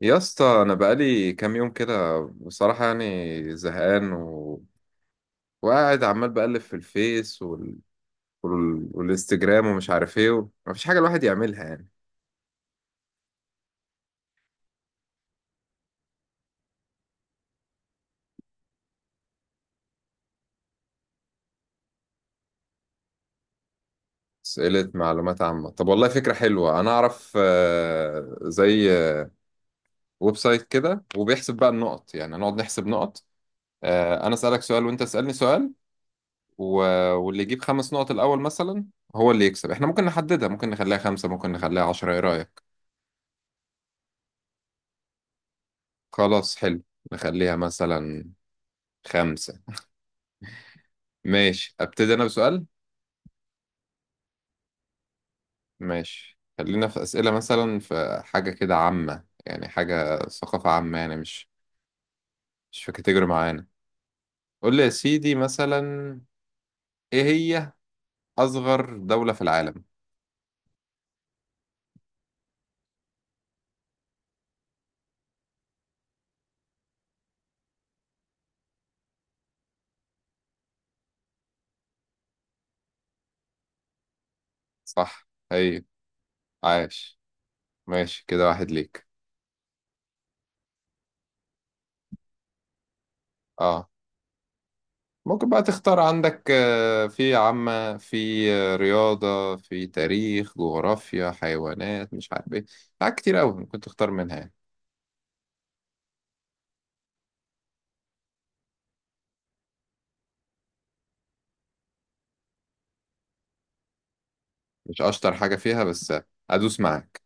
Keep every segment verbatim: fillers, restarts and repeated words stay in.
يا اسطى، انا بقالي كام يوم كده، بصراحه يعني زهقان، و... وقاعد عمال بقلب في الفيس وال... وال... والانستجرام ومش عارف ايه، و... مفيش حاجه الواحد يعملها يعني. اسئله معلومات عامه؟ طب والله فكره حلوه، انا اعرف آه، زي ويب سايت كده وبيحسب بقى النقط، يعني نقعد نحسب نقط. آه، انا اسالك سؤال وانت اسالني سؤال، و... واللي يجيب خمس نقط الاول مثلا هو اللي يكسب. احنا ممكن نحددها، ممكن نخليها خمسة، ممكن نخليها عشرة. ايه رايك؟ خلاص، حلو. نخليها مثلا خمسة. ماشي، أبتدي أنا بسؤال. ماشي، خلينا في أسئلة مثلا في حاجة كده عامة، يعني حاجة ثقافة عامة، يعني مش مش في كاتيجوري معينة. قول لي يا سيدي مثلا، إيه هي أصغر دولة في العالم؟ صح، هي. عاش. ماشي كده، واحد ليك. اه، ممكن بقى تختار، عندك آه، في عامة، في آه، رياضة، في تاريخ، جغرافيا، حيوانات، مش عارف ايه، حاجات كتير أوي ممكن تختار منها يعني. مش أشطر حاجة فيها، بس آه، أدوس معاك.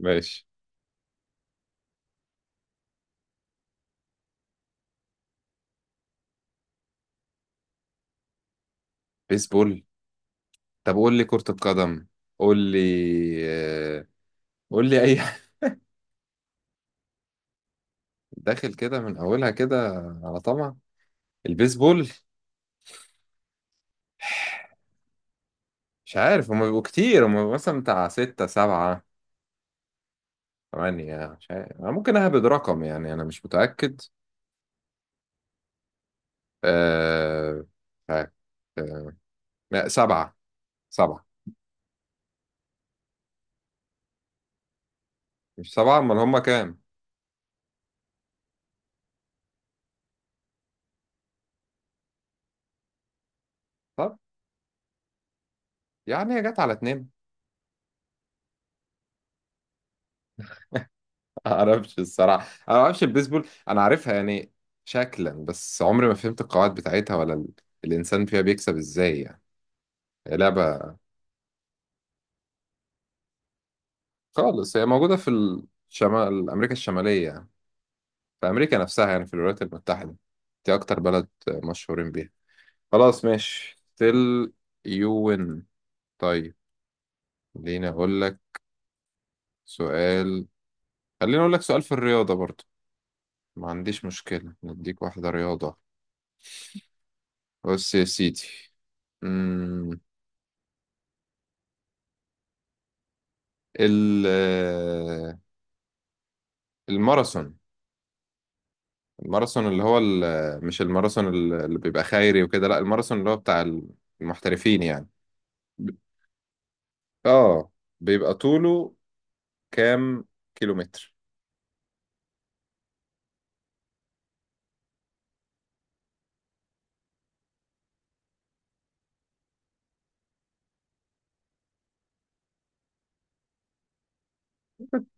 ماشي. بيسبول؟ طب قول لي كرة القدم. قول لي آه، قول لي اي حاجة. داخل كده من اولها كده، على طمع. البيسبول، مش عارف، هما بيبقوا كتير، هما بيبقوا مثلا بتاع ستة سبعة ثمانية، مش عارف. أنا ممكن أهبد رقم يعني، أنا مش متأكد. أه... مش عارف. أه... لا، سبعة، سبعة. مش سبعة؟ أمال هما كام؟ طب يعني هي جت على اتنين. اعرفش الصراحه، انا ما اعرفش البيسبول، انا عارفها يعني شكلا، بس عمري ما فهمت القواعد بتاعتها ولا ال... الانسان فيها بيكسب ازاي يعني. هي لعبه. خالص، هي موجوده في الشمال امريكا الشماليه، يعني في امريكا نفسها، يعني في الولايات المتحده. دي اكتر بلد مشهورين بيها. خلاص ماشي. تل يوين. طيب. خليني اقول لك سؤال خليني اقول لك سؤال في الرياضه برضو. ما عنديش مشكله، نديك واحده رياضه. بص يا سيدي، ال- آه، الماراثون. الماراثون اللي هو ال- آه، مش الماراثون اللي بيبقى خيري وكده، لا، الماراثون اللي هو بتاع المحترفين يعني. ب- اه، بيبقى طوله كام كيلومتر؟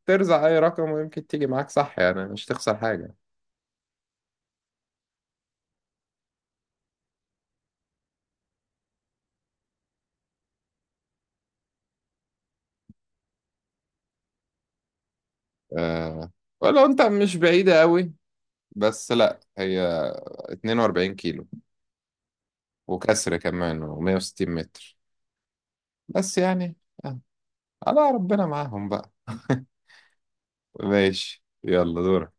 ترزع اي رقم، ويمكن تيجي معاك صح، يعني مش تخسر حاجة. آه، ولو انت مش بعيدة قوي، بس لا، هي اتنين واربعين كيلو وكسر، كمان و160 متر. بس يعني آه، على ربنا معاهم بقى ماشي يلا دورك.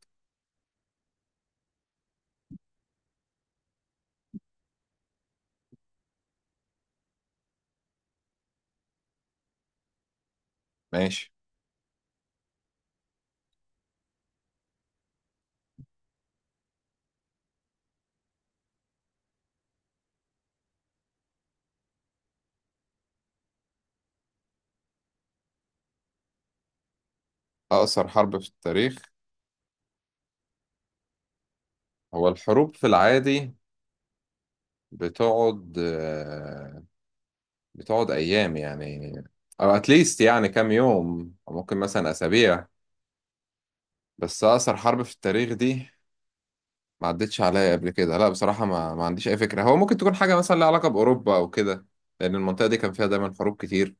ماشي. أقصر حرب في التاريخ. هو الحروب في العادي بتقعد آه، بتقعد أيام يعني، أو أتليست يعني كام يوم، أو ممكن مثلا أسابيع. بس أقصر حرب في التاريخ دي، ما عدتش عليا قبل كده، لا بصراحة ما, ما عنديش أي فكرة. هو ممكن تكون حاجة مثلا لها علاقة بأوروبا أو كده، لأن المنطقة دي كان فيها دايما حروب كتير.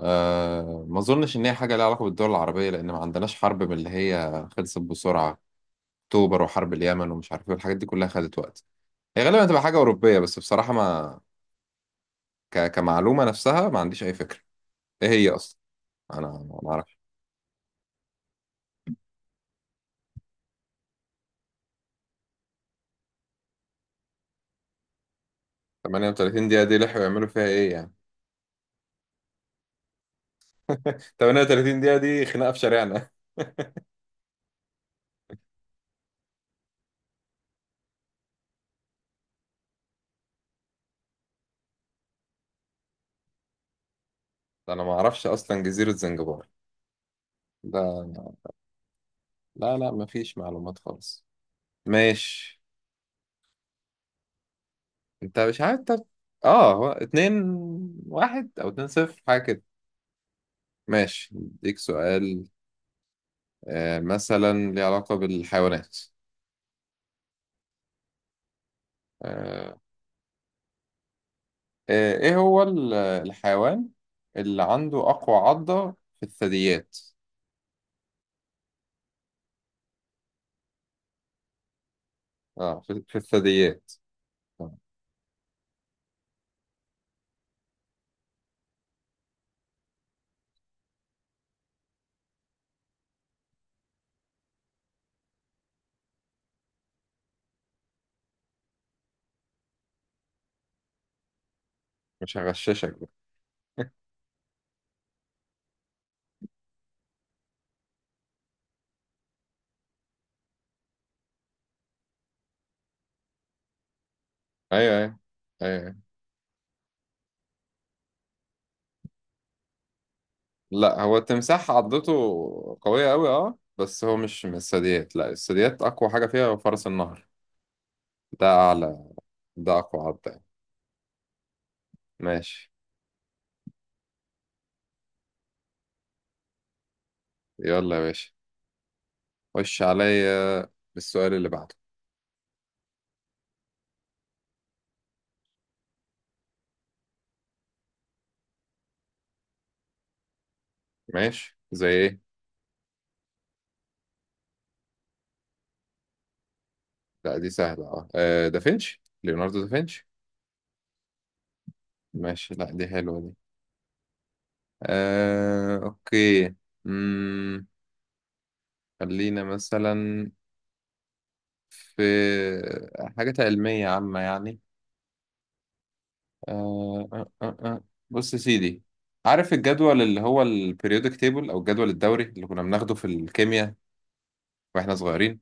أه، ما أظنش إن هي حاجة لها علاقة بالدول العربية، لأن ما عندناش حرب من اللي هي خلصت بسرعة. أكتوبر وحرب اليمن ومش عارف إيه، الحاجات دي كلها خدت وقت. هي غالبا هتبقى حاجة أوروبية، بس بصراحة، ما ك... كمعلومة نفسها ما عنديش أي فكرة إيه هي أصلا. أنا ما أعرفش. ثمانية وثلاثين دقيقة دي لحقوا يعملوا فيها إيه يعني؟ تمنية وتلاتين دقيقة دي خناقة في شارعنا. أنا ما أعرفش أصلا جزيرة زنجبار ده. لا لا، ما فيش معلومات خالص. ماشي. أنت مش عارف أنت. آه، هو اتنين واحد أو اتنين صفر حاجة كده. ماشي، أديك سؤال. آه، مثلا ليه علاقة بالحيوانات. آه، آه، ايه هو ال- الحيوان اللي عنده اقوى عضة في الثدييات. اه، في, في الثدييات. آه، مش هغششك بقى. ايوه ايوه ايوه. لا، هو التمساح عضته قوية قوي، اه، بس هو مش من الثدييات. لا، الثدييات اقوى حاجة فيها هو فرس النهر. ده اعلى. ده اقوى عضة يعني. ماشي. يلا يا باشا، خش عليا بالسؤال اللي بعده. ماشي، زي ايه؟ لا دي سهلة، اه، آه، دافنشي، ليوناردو دافنشي. ماشي. لا دي حلوة دي. آه، أوكي. مم، خلينا مثلا في حاجات علمية عامة يعني. آه، آه، آه، آه. بص يا سيدي، عارف الجدول اللي هو البريودك تيبل، أو الجدول الدوري اللي كنا بناخده في الكيمياء وإحنا صغيرين؟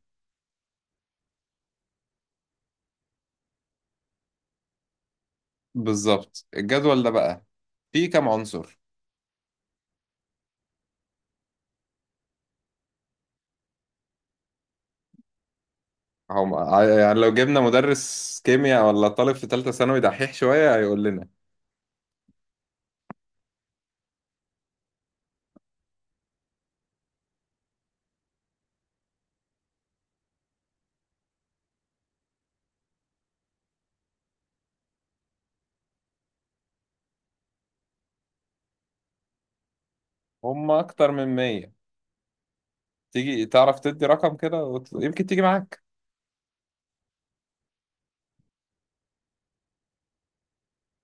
بالظبط. الجدول ده بقى فيه كام عنصر؟ هم يعني لو جبنا مدرس كيمياء ولا طالب في تالتة ثانوي دحيح شوية، هيقول لنا. هم أكتر من مية. تيجي تعرف تدي رقم كده، وت- يمكن تيجي معاك.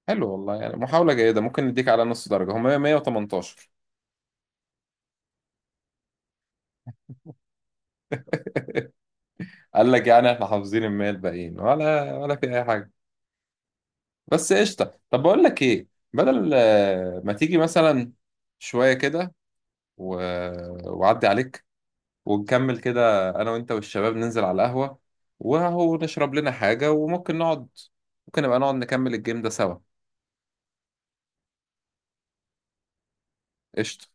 حلو والله، يعني محاولة جيدة، ممكن نديك على نص درجة. هم مية وتمنتاشر. قال لك يعني احنا حافظين المية الباقيين ولا ولا في أي حاجة. بس قشطة. طب بقول لك إيه، بدل آه، ما تيجي مثلا شوية كده، و... وعدي عليك، ونكمل كده، أنا وأنت والشباب ننزل على القهوة، وهو نشرب لنا حاجة، وممكن نقعد، ممكن نبقى نقعد نكمل الجيم ده سوا. قشطة.